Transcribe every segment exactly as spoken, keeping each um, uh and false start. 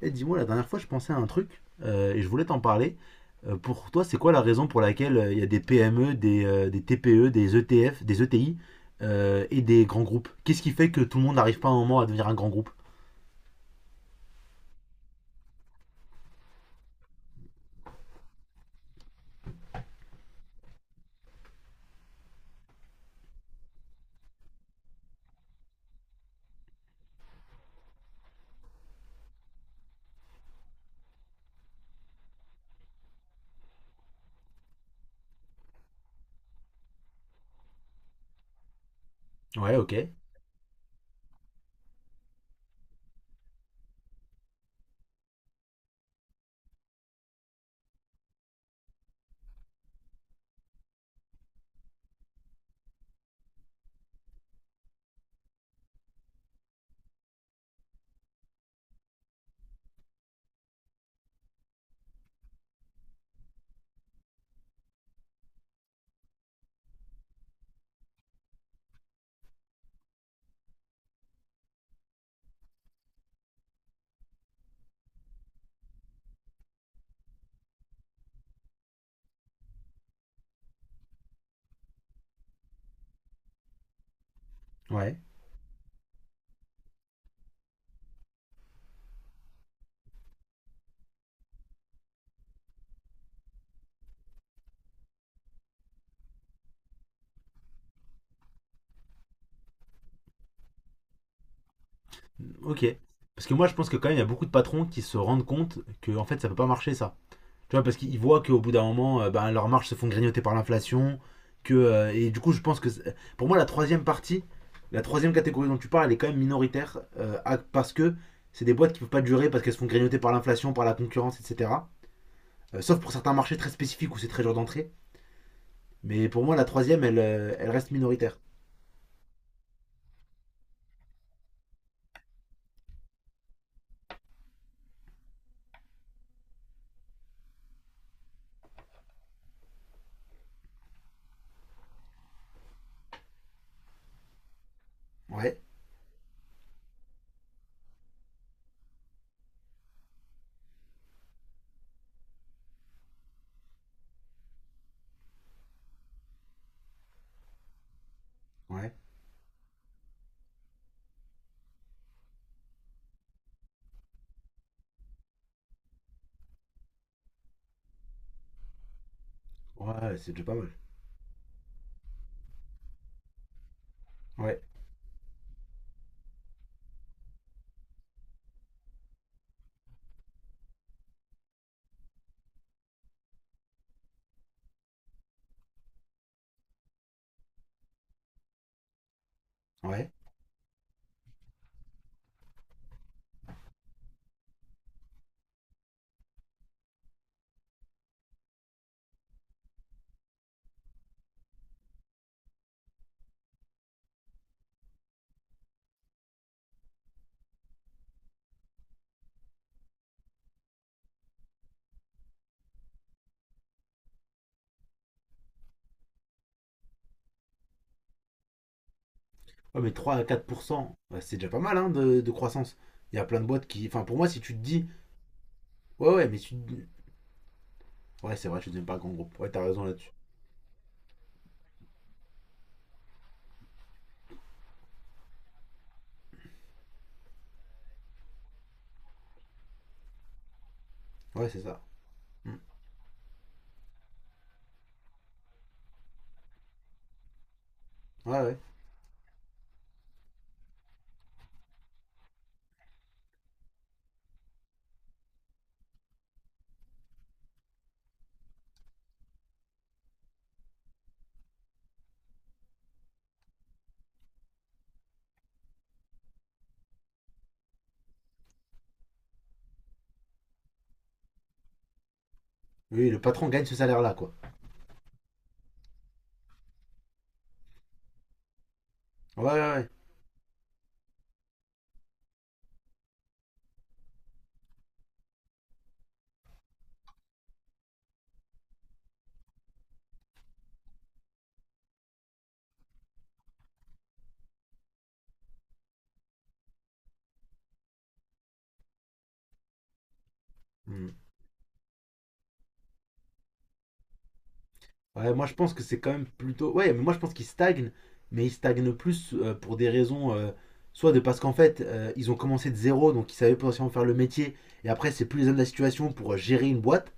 Eh, dis-moi, la dernière fois, je pensais à un truc euh, et je voulais t'en parler. Euh, pour toi, c'est quoi la raison pour laquelle euh, il y a des P M E, des, euh, des TPE, des ETF, des E T I euh, et des grands groupes. Qu'est-ce qui fait que tout le monde n'arrive pas à un moment à devenir un grand groupe? Ouais, ok. Ouais, ok. Parce que moi, je pense que quand même, il y a beaucoup de patrons qui se rendent compte que en fait, ça peut pas marcher ça. Tu vois, parce qu'ils voient qu'au bout d'un moment, euh, ben, leurs marges se font grignoter par l'inflation. Que, euh, et du coup, je pense que c'est- pour moi, la troisième partie, la troisième catégorie dont tu parles, elle est quand même minoritaire euh, à- parce que c'est des boîtes qui ne peuvent pas durer parce qu'elles se font grignoter par l'inflation, par la concurrence, et cetera. Euh, sauf pour certains marchés très spécifiques où c'est très dur d'entrer. Mais pour moi, la troisième, elle, euh, elle reste minoritaire. Ouais, ouais, ouais, c'est déjà pas mal. Ouais, ouais. Ouais, mais trois à quatre pour cent, bah, c'est déjà pas mal hein, de, de croissance. Il y a plein de boîtes qui. Enfin, pour moi, si tu te dis. Ouais, ouais, mais si tu. Ouais, c'est vrai, je suis devenu pas un grand groupe. Ouais, t'as raison là-dessus. Ouais, c'est ça. Mm. Ouais, ouais. Oui, le patron gagne ce salaire-là, quoi. Ouais, ouais, ouais. Mm. Ouais, moi je pense que c'est quand même plutôt. Ouais, mais moi je pense qu'ils stagnent, mais ils stagnent plus euh, pour des raisons. Euh, soit de parce qu'en fait, euh, ils ont commencé de zéro, donc ils savaient potentiellement faire le métier, et après, c'est plus les hommes de la situation pour euh, gérer une boîte.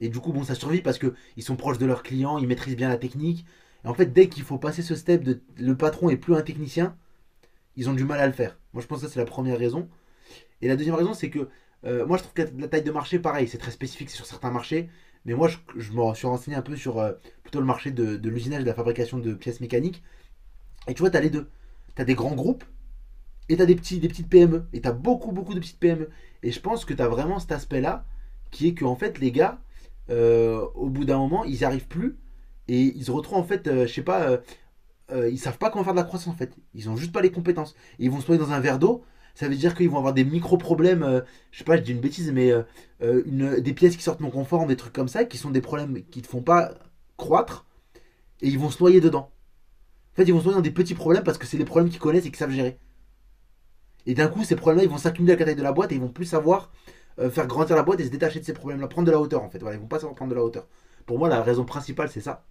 Et du coup, bon, ça survit parce que ils sont proches de leurs clients, ils maîtrisent bien la technique. Et en fait, dès qu'il faut passer ce step de le patron est plus un technicien, ils ont du mal à le faire. Moi je pense que ça, c'est la première raison. Et la deuxième raison, c'est que euh, moi, je trouve que la, la taille de marché, pareil, c'est très spécifique, c'est sur certains marchés. Mais moi, je, je me suis renseigné un peu sur euh, plutôt le marché de, de l'usinage et de la fabrication de pièces mécaniques. Et tu vois, t'as les deux. T'as des grands groupes et t'as des, petits, des petites P M E. Et t'as beaucoup, beaucoup de petites P M E. Et je pense que t'as vraiment cet aspect-là qui est que, en fait, les gars, euh, au bout d'un moment, ils n'y arrivent plus. Et ils se retrouvent, en fait, euh, je sais pas, euh, euh, ils savent pas comment faire de la croissance en fait. Ils ont juste pas les compétences. Et ils vont se noyer dans un verre d'eau. Ça veut dire qu'ils vont avoir des micro-problèmes. Euh, je sais pas, je dis une bêtise, mais euh, euh, une, des pièces qui sortent non conformes, des trucs comme ça, qui sont des problèmes qui ne font pas croître. Et ils vont se noyer dedans. En fait, ils vont se noyer dans des petits problèmes parce que c'est les problèmes qu'ils connaissent et qu'ils savent gérer. Et d'un coup, ces problèmes-là, ils vont s'accumuler à la taille de la boîte et ils vont plus savoir euh, faire grandir la boîte et se détacher de ces problèmes-là. Prendre de la hauteur en fait. Voilà, ils vont pas savoir prendre de la hauteur. Pour moi, la raison principale, c'est ça.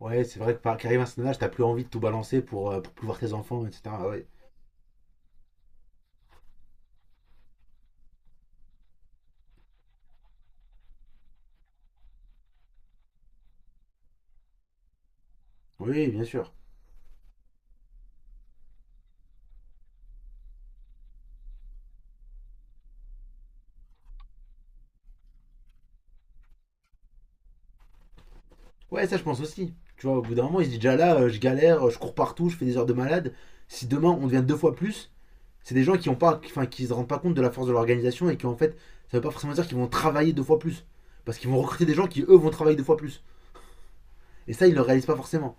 Ouais, c'est vrai que par qu'arrive un certain âge, t'as plus envie de tout balancer pour, euh, pour plus voir tes enfants, et cetera. Ah ouais. Oui, bien sûr. Ouais, ça je pense aussi. Tu vois, au bout d'un moment, il se dit déjà là, euh, je galère, euh, je cours partout, je fais des heures de malade. Si demain on devient deux fois plus, c'est des gens qui ont pas, qui- enfin, qui se rendent pas compte de la force de l'organisation et qui en fait, ça veut pas forcément dire qu'ils vont travailler deux fois plus, parce qu'ils vont recruter des gens qui eux vont travailler deux fois plus. Et ça, ils le réalisent pas forcément.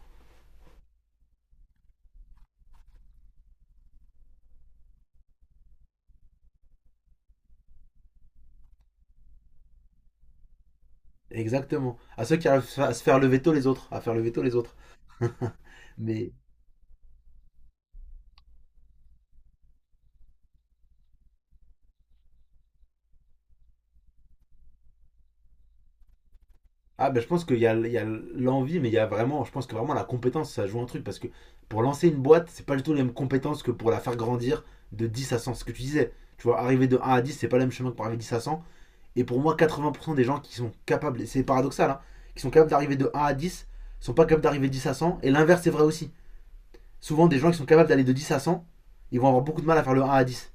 Exactement. À ceux qui arrivent à se faire lever tôt les autres, à faire lever tôt les autres. Mais. Ah ben je pense qu'il y a, il y a l'envie, mais il y a vraiment, je pense que vraiment la compétence, ça joue un truc, parce que pour lancer une boîte, c'est pas du tout les mêmes compétences que pour la faire grandir de dix à cent, ce que tu disais. Tu vois, arriver de un à dix, c'est pas le même chemin que pour arriver de dix à cent. Et pour moi, quatre-vingts pour cent des gens qui sont capables, et c'est paradoxal, hein, qui sont capables d'arriver de un à dix, sont pas capables d'arriver de dix à cent, et l'inverse c'est vrai aussi. Souvent, des gens qui sont capables d'aller de dix à cent, ils vont avoir beaucoup de mal à faire le un à dix.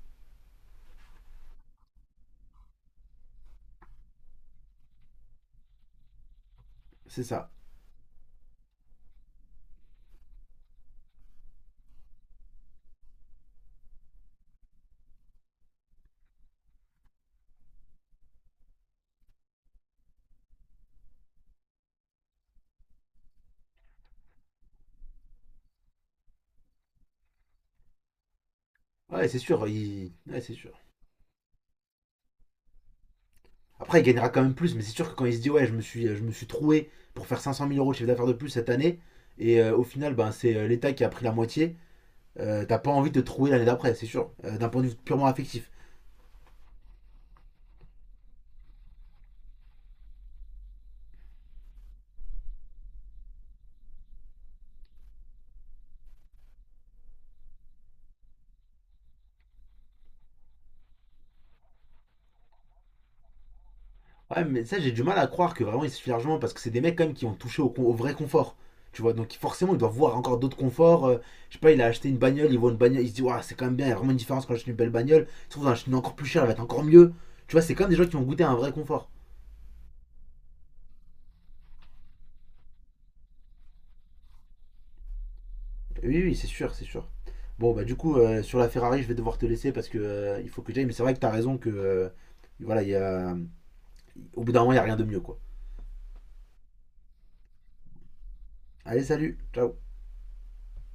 C'est ça. Ouais, c'est sûr, ils- ouais, c'est sûr. Après, il gagnera quand même plus, mais c'est sûr que quand il se dit ouais, je me suis, je me suis troué pour faire 500 000 euros de chiffre d'affaires de plus cette année, et euh, au final, ben, c'est euh, l'État qui a pris la moitié, euh, t'as pas envie de te trouver l'année d'après, c'est sûr, euh, d'un point de vue purement affectif. Ouais, mais ça, j'ai du mal à croire que vraiment il suffit largement, parce que c'est des mecs quand même qui ont touché au, au vrai confort. Tu vois, donc forcément, il doit voir encore d'autres conforts. Euh, je sais pas, il a acheté une bagnole, il voit une bagnole, il se dit, ouah, c'est quand même bien, il y a vraiment une différence quand j'achète une belle bagnole. Il se trouve, j'en achète une encore plus chère, elle va être encore mieux. Tu vois, c'est quand même des gens qui ont goûté à un vrai confort. Oui, oui, c'est sûr, c'est sûr. Bon, bah, du coup, euh, sur la Ferrari, je vais devoir te laisser parce que euh, il faut que j'aille. Mais c'est vrai que t'as raison que, euh, voilà, il y a, au bout d'un moment, il n'y a rien de mieux, quoi. Allez, salut, ciao.